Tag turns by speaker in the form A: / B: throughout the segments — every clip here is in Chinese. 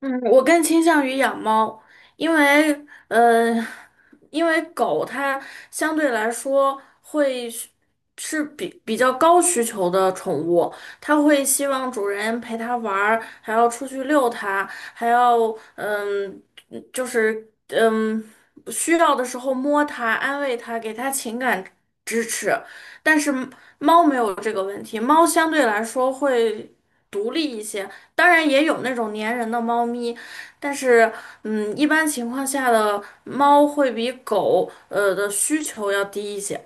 A: 嗯，我更倾向于养猫，因为呃，因为狗它相对来说是比较高需求的宠物，它会希望主人陪它玩儿，还要出去遛它，还要嗯，就是嗯，需要的时候摸它、安慰它，给它情感支持。但是猫没有这个问题，猫相对来说会独立一些。当然也有那种粘人的猫咪，但是一般情况下的猫会比狗的需求要低一些。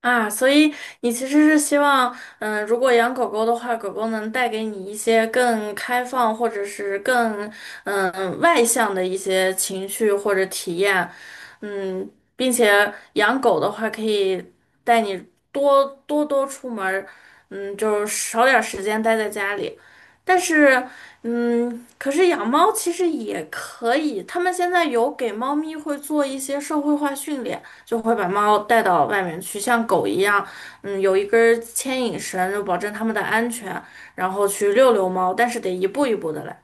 A: 啊，所以你其实是希望，嗯，如果养狗狗的话，狗狗能带给你一些更开放或者是更外向的一些情绪或者体验，嗯，并且养狗的话可以带你多出门儿，嗯，就是少点儿时间待在家里。但是，嗯，可是养猫其实也可以，他们现在有给猫咪会做一些社会化训练。就会把猫带到外面去，像狗一样，嗯，有一根儿牵引绳，就保证它们的安全，然后去遛遛猫，但是得一步一步的来。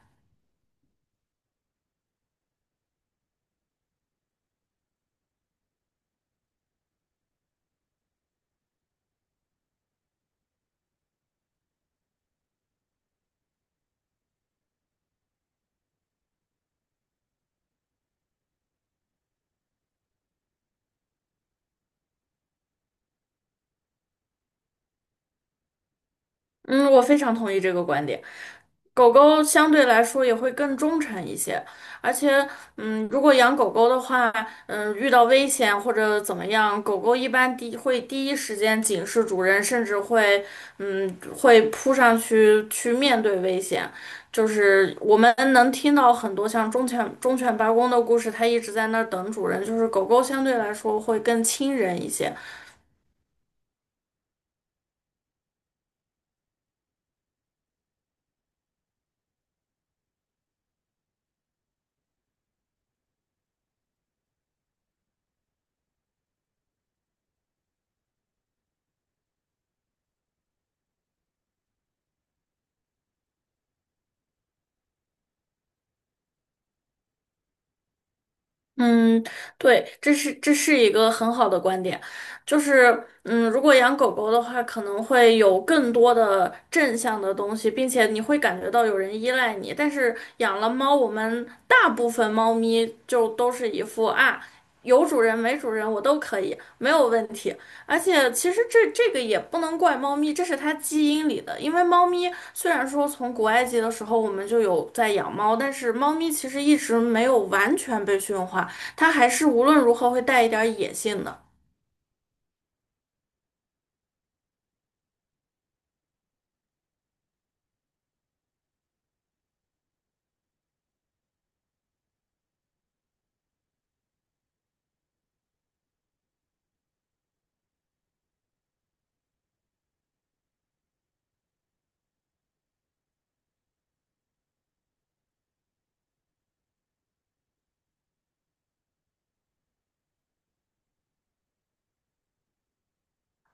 A: 嗯，我非常同意这个观点。狗狗相对来说也会更忠诚一些，而且，嗯，如果养狗狗的话，嗯，遇到危险或者怎么样，狗狗一般第会第一时间警示主人，甚至会，嗯，会扑上去去面对危险。就是我们能听到很多像忠犬八公的故事，它一直在那儿等主人，就是狗狗相对来说会更亲人一些。嗯，对，这是一个很好的观点，就是，嗯，如果养狗狗的话，可能会有更多的正向的东西，并且你会感觉到有人依赖你。但是养了猫，我们大部分猫咪就都是一副啊，有主人没主人我都可以，没有问题。而且其实这个也不能怪猫咪，这是它基因里的。因为猫咪虽然说从古埃及的时候我们就有在养猫，但是猫咪其实一直没有完全被驯化。它还是无论如何会带一点野性的。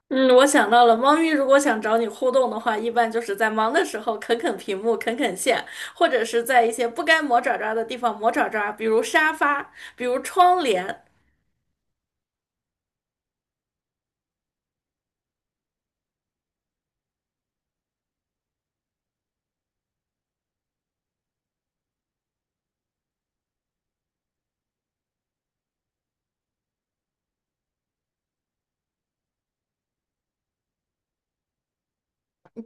A: 嗯，我想到了，猫咪如果想找你互动的话，一般就是在忙的时候啃啃屏幕、啃啃线，或者是在一些不该磨爪爪的地方磨爪爪，比如沙发，比如窗帘。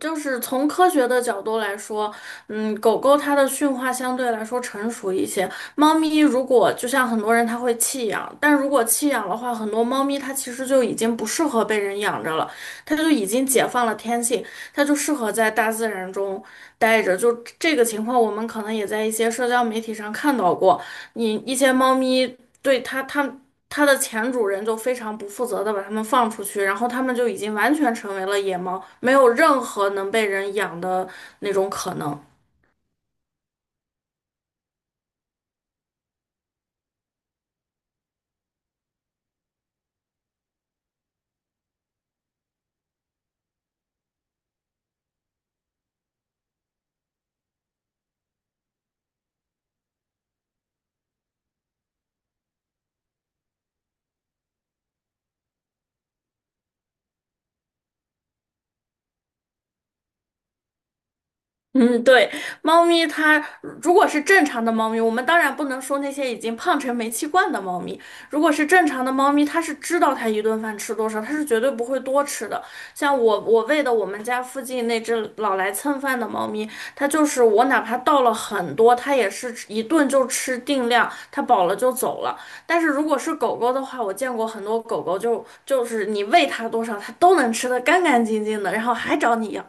A: 就是从科学的角度来说，嗯，狗狗它的驯化相对来说成熟一些。猫咪如果就像很多人他会弃养，但如果弃养的话，很多猫咪它其实就已经不适合被人养着了，它就已经解放了天性，它就适合在大自然中待着。就这个情况，我们可能也在一些社交媒体上看到过，你一些猫咪对它它的前主人就非常不负责的把它们放出去，然后它们就已经完全成为了野猫，没有任何能被人养的那种可能。嗯，对，猫咪它如果是正常的猫咪，我们当然不能说那些已经胖成煤气罐的猫咪。如果是正常的猫咪，它是知道它一顿饭吃多少，它是绝对不会多吃的。像我，我喂的我们家附近那只老来蹭饭的猫咪，它就是我哪怕倒了很多，它也是一顿就吃定量，它饱了就走了。但是如果是狗狗的话，我见过很多狗狗就是你喂它多少，它都能吃得干干净净的，然后还找你要。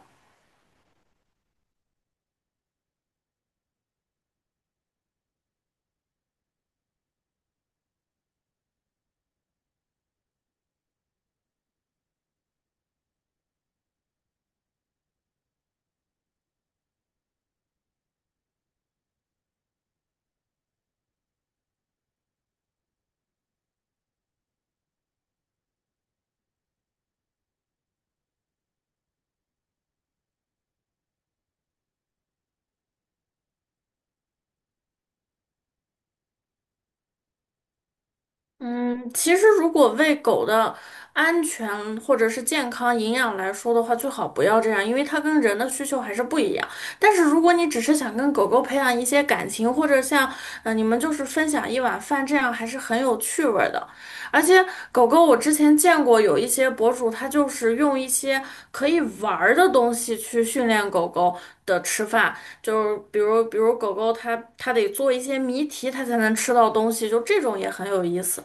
A: 嗯，其实如果喂狗的安全或者是健康营养来说的话，最好不要这样，因为它跟人的需求还是不一样。但是如果你只是想跟狗狗培养一些感情，或者像你们就是分享一碗饭，这样还是很有趣味儿的。而且狗狗我之前见过有一些博主，他就是用一些可以玩儿的东西去训练狗狗的吃饭，就是比如狗狗它得做一些谜题，它才能吃到东西，就这种也很有意思。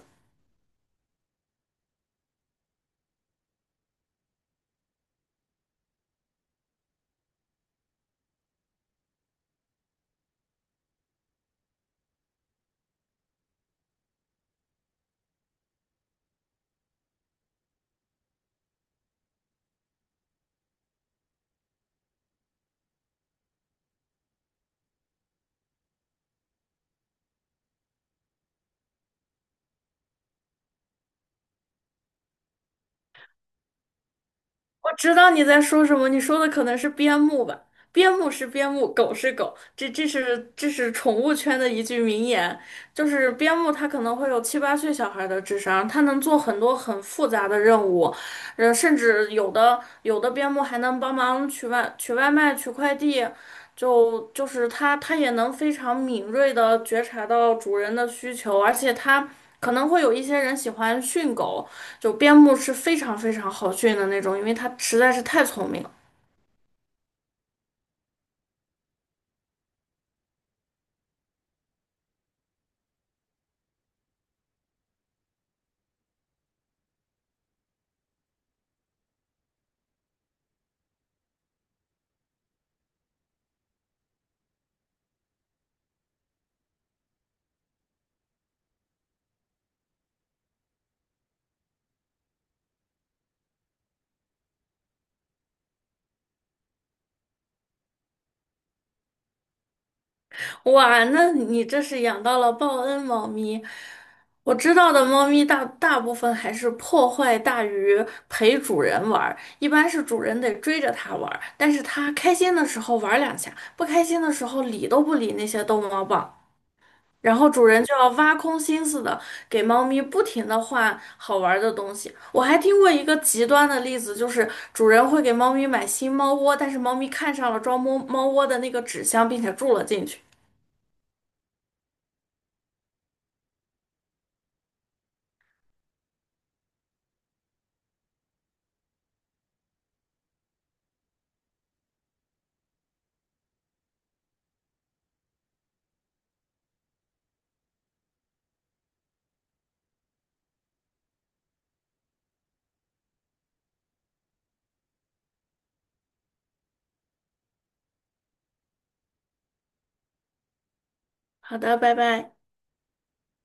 A: 我知道你在说什么，你说的可能是边牧吧？边牧是边牧，狗是狗，这是宠物圈的一句名言，就是边牧它可能会有七八岁小孩的智商，它能做很多很复杂的任务，甚至有的边牧还能帮忙取外卖、取快递，就是它，它也能非常敏锐地觉察到主人的需求，而且它可能会有一些人喜欢训狗，就边牧是非常非常好训的那种，因为它实在是太聪明了。哇，那你这是养到了报恩猫咪。我知道的猫咪大部分还是破坏大于陪主人玩儿，一般是主人得追着它玩儿，但是它开心的时候玩儿两下，不开心的时候理都不理那些逗猫棒。然后主人就要挖空心思的给猫咪不停的换好玩儿的东西。我还听过一个极端的例子，就是主人会给猫咪买新猫窝，但是猫咪看上了装猫窝的那个纸箱，并且住了进去。好的，拜拜。